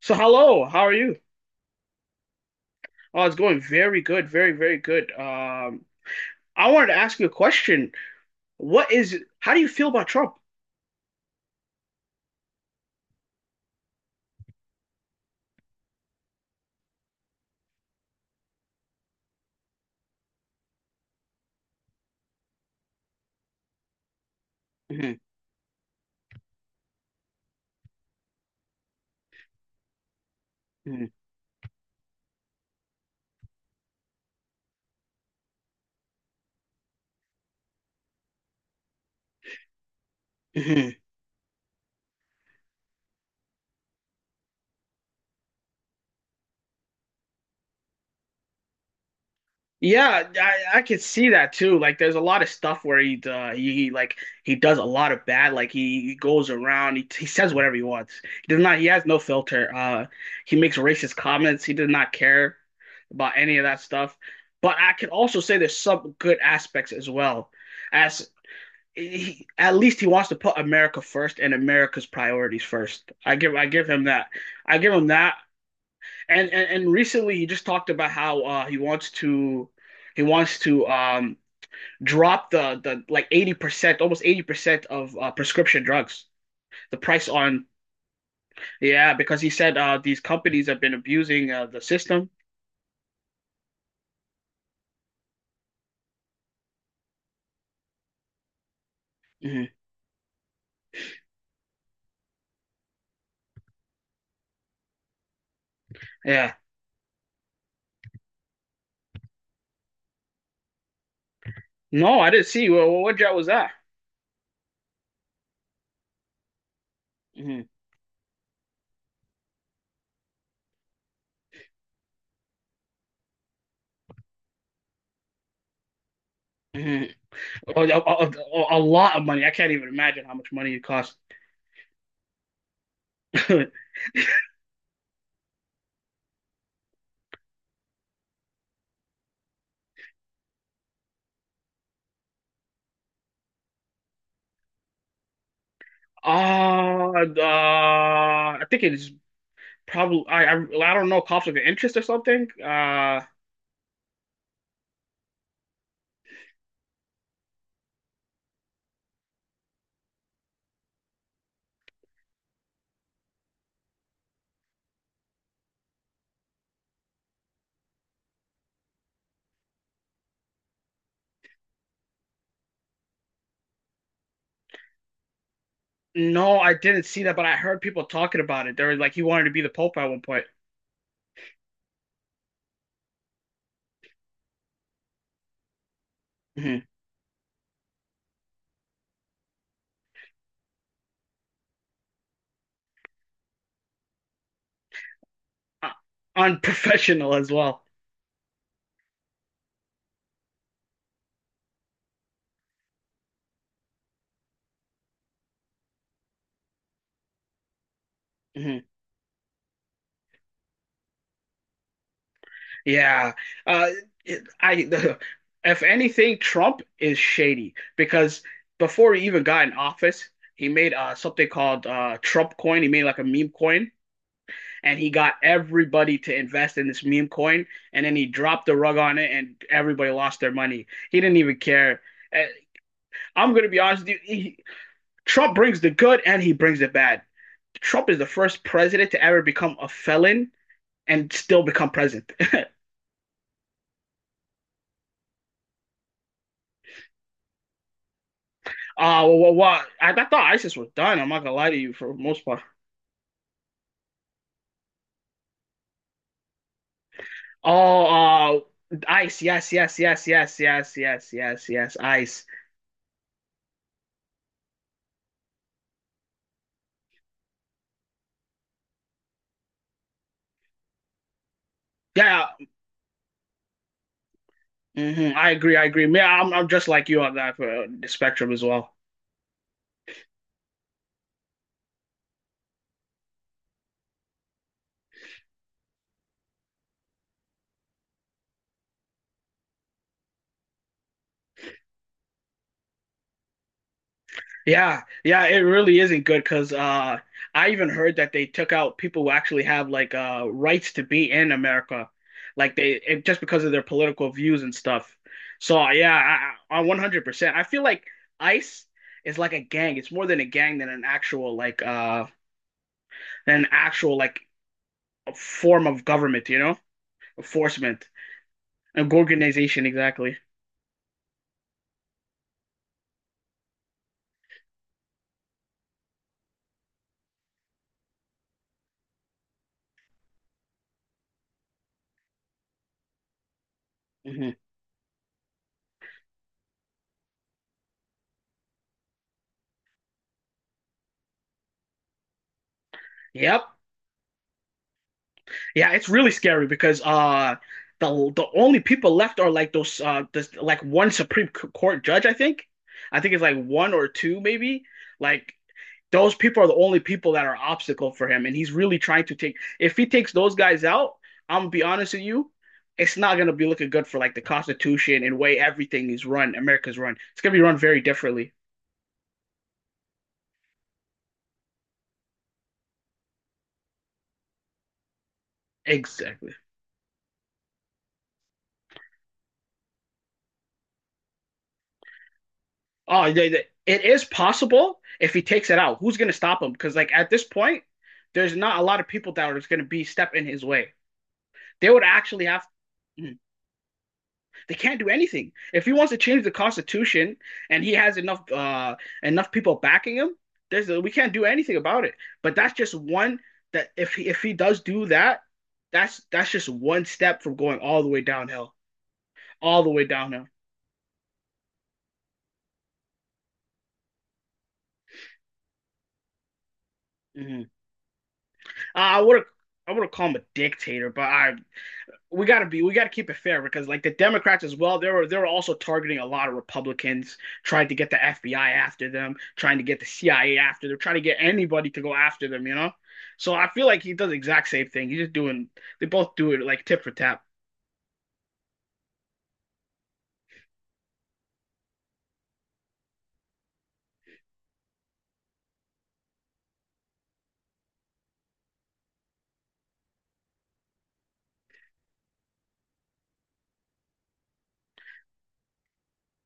So hello, how are you? Oh, it's going very good, very, very good. I wanted to ask you a question. How do you feel about Trump? Mhm, mhm, mhm. Yeah, I could see that too. Like, there's a lot of stuff where he, he does a lot of bad. Like he goes around, he says whatever he wants. He does not. He has no filter. He makes racist comments. He does not care about any of that stuff. But I can also say there's some good aspects as well. As he, at least he wants to put America first and America's priorities first. I give him that. I give him that, and recently he just talked about how he wants to drop the like 80%, almost 80% of prescription drugs. The price on, yeah, because he said these companies have been abusing the system. Hmm. Yeah, no, I didn't see. What job was that? Hmm. Hmm. A lot of money. I can't even imagine how much money it costs. I think it's probably, I don't know, conflict of interest or something. No, I didn't see that, but I heard people talking about it. They were like, he wanted to be the Pope at one point. Hmm. Uh, unprofessional as well. Hmm. Yeah. Uh, it- I, if anything, Trump is shady because before he even got in office, he made something called Trump coin. He made like a meme coin, and he got everybody to invest in this meme coin. And then he dropped the rug on it and everybody lost their money. He didn't even care. Uh, I'm going to be honest with you. Trump brings the good and he brings the bad. Trump is the first president to ever become a felon and still become president. Well, well I thought ISIS was done. I'm not gonna lie to you for the most part. Oh, ICE, yes, yes, yes, yes, yes, yes, yes, yes, ICE. Yeah, mhm, I agree, I agree. Yeah, I'm just like you on that the spectrum as well. Yeah, yeah, it really isn't good because I even heard that they took out people who actually have like rights to be in America, like just because of their political views and stuff. So yeah, I 100%. I feel like ICE is like a gang. It's more than a gang than an actual like form of government, you know, enforcement and organization, exactly. Hmm. Yep. Yeah, it's really scary because the the only people left are like like one Supreme C- Court judge, I think. I think it's like one or two maybe. Like those people are the only people that are obstacle for him and he's really trying to take if he takes those guys out, I'm gonna be honest with you, it's not gonna be looking good for like the Constitution and way everything is run, America's run. It's gonna be run very differently. Exactly. Oh, it is possible if he takes it out. Who's going to stop him? Because like at this point, there's not a lot of people that are going to be stepping his way. They would actually have. Mhm. They can't do anything. If he wants to change the Constitution and he has enough people backing him, there's a, we can't do anything about it. But that's just one that if he does do that, that's just one step from going all the way downhill, all the way downhill. Hmm. I would I would call him a dictator, but I we got to keep it fair because like the Democrats as well, they were also targeting a lot of Republicans, trying to get the FBI after them, trying to get the CIA after them, trying to get anybody to go after them, you know. So I feel like he does the exact same thing, he's just doing, they both do it like tip for tap.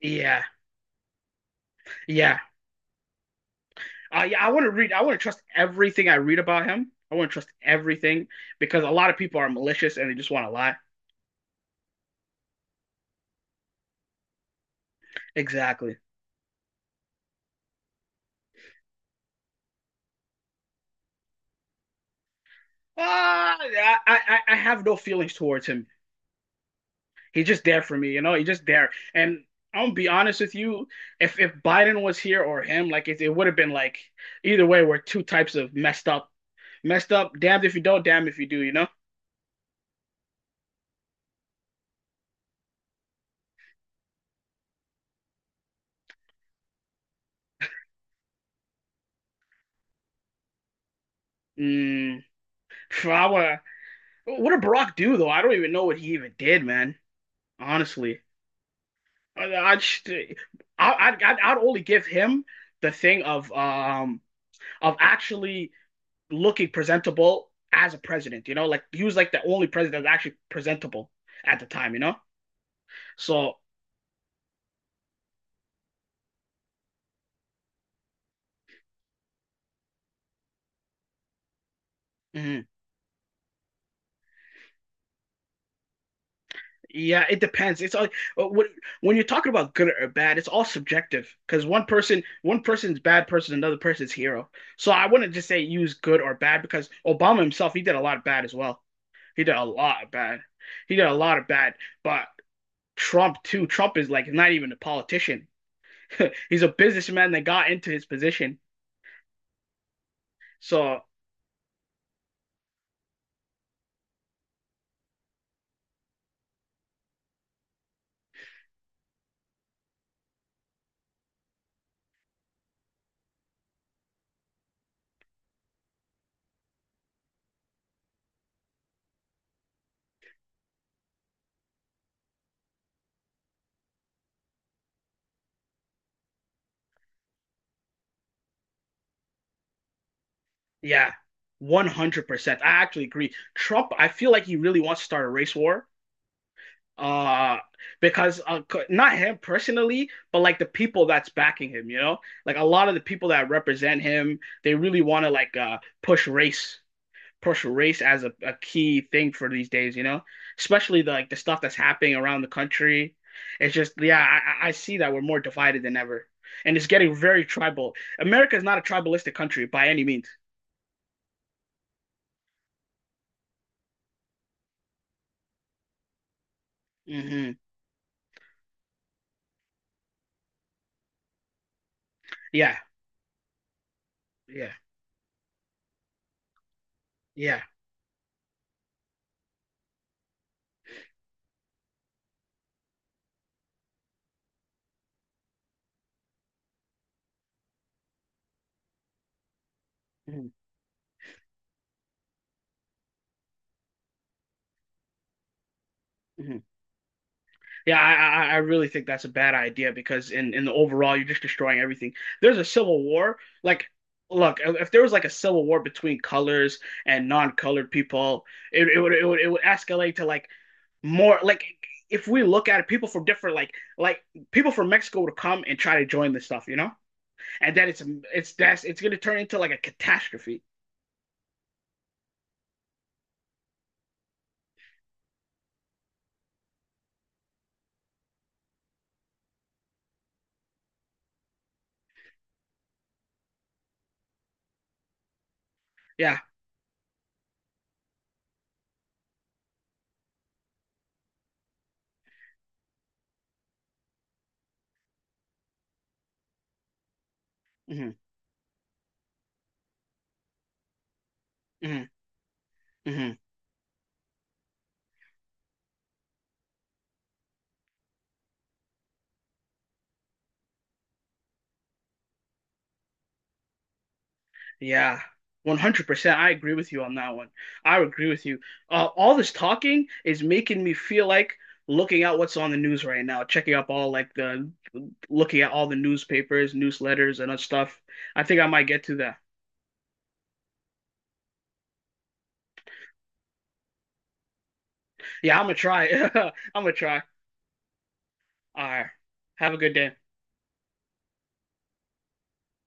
Yeah, yeah, yeah, I want to trust everything I read about him, I want to trust everything because a lot of people are malicious and they just want to lie, exactly. I have no feelings towards him. He's just there for me, you know. He's just there. And I'm gonna be honest with you, if Biden was here or him, it would have been like either way, we're two types of messed up, messed up. Damned if you don't, damned if you do, you know. Mm, for our, what did Barack do though? I don't even know what he even did, man. Honestly, I just, I, I'd only give him the thing of actually looking presentable as a president, you know, like he was like the only president that was actually presentable at the time, you know. So mhm. Yeah, it depends. It's all uh, when when you're talking about good or bad, it's all subjective because one person's bad person, another person's hero. So I wouldn't just say use good or bad because Obama himself, he did a lot of bad as well. He did a lot of bad. He did a lot of bad. But Trump too. Trump is like not even a politician. He's a businessman that got into his position. So yeah, 100%. I actually agree. Trump, I feel like he really wants to start a race war, uh because not him personally but like the people that's backing him, you know, like a lot of the people that represent him, they really want to push race, push race as a key thing for these days, you know, especially like the stuff that's happening around the country. It's just Yeah, I see that we're more divided than ever, and it's getting very tribal. America is not a tribalistic country by any means. Hmm. Yeah, yeah, yeah. Hmm. Yeah, I really think that's a bad idea because in the overall, you're just destroying everything. There's a civil war. Like, look, if there was like a civil war between colors and non-colored people, it would it would escalate to like more like if we look at it, people from different people from Mexico would come and try to join this stuff, you know? And then it's that's it's gonna turn into like a catastrophe. Yeah. Hmm. Hmm. Hmm. Yeah, 100%. I agree with you on that one. I agree with you. All this talking is making me feel like looking at what's on the news right now, checking up all like the looking at all the newspapers, newsletters, and other stuff. I think I might get to that. Yeah, I'm gonna try. I'm gonna try. All right. Have a good day.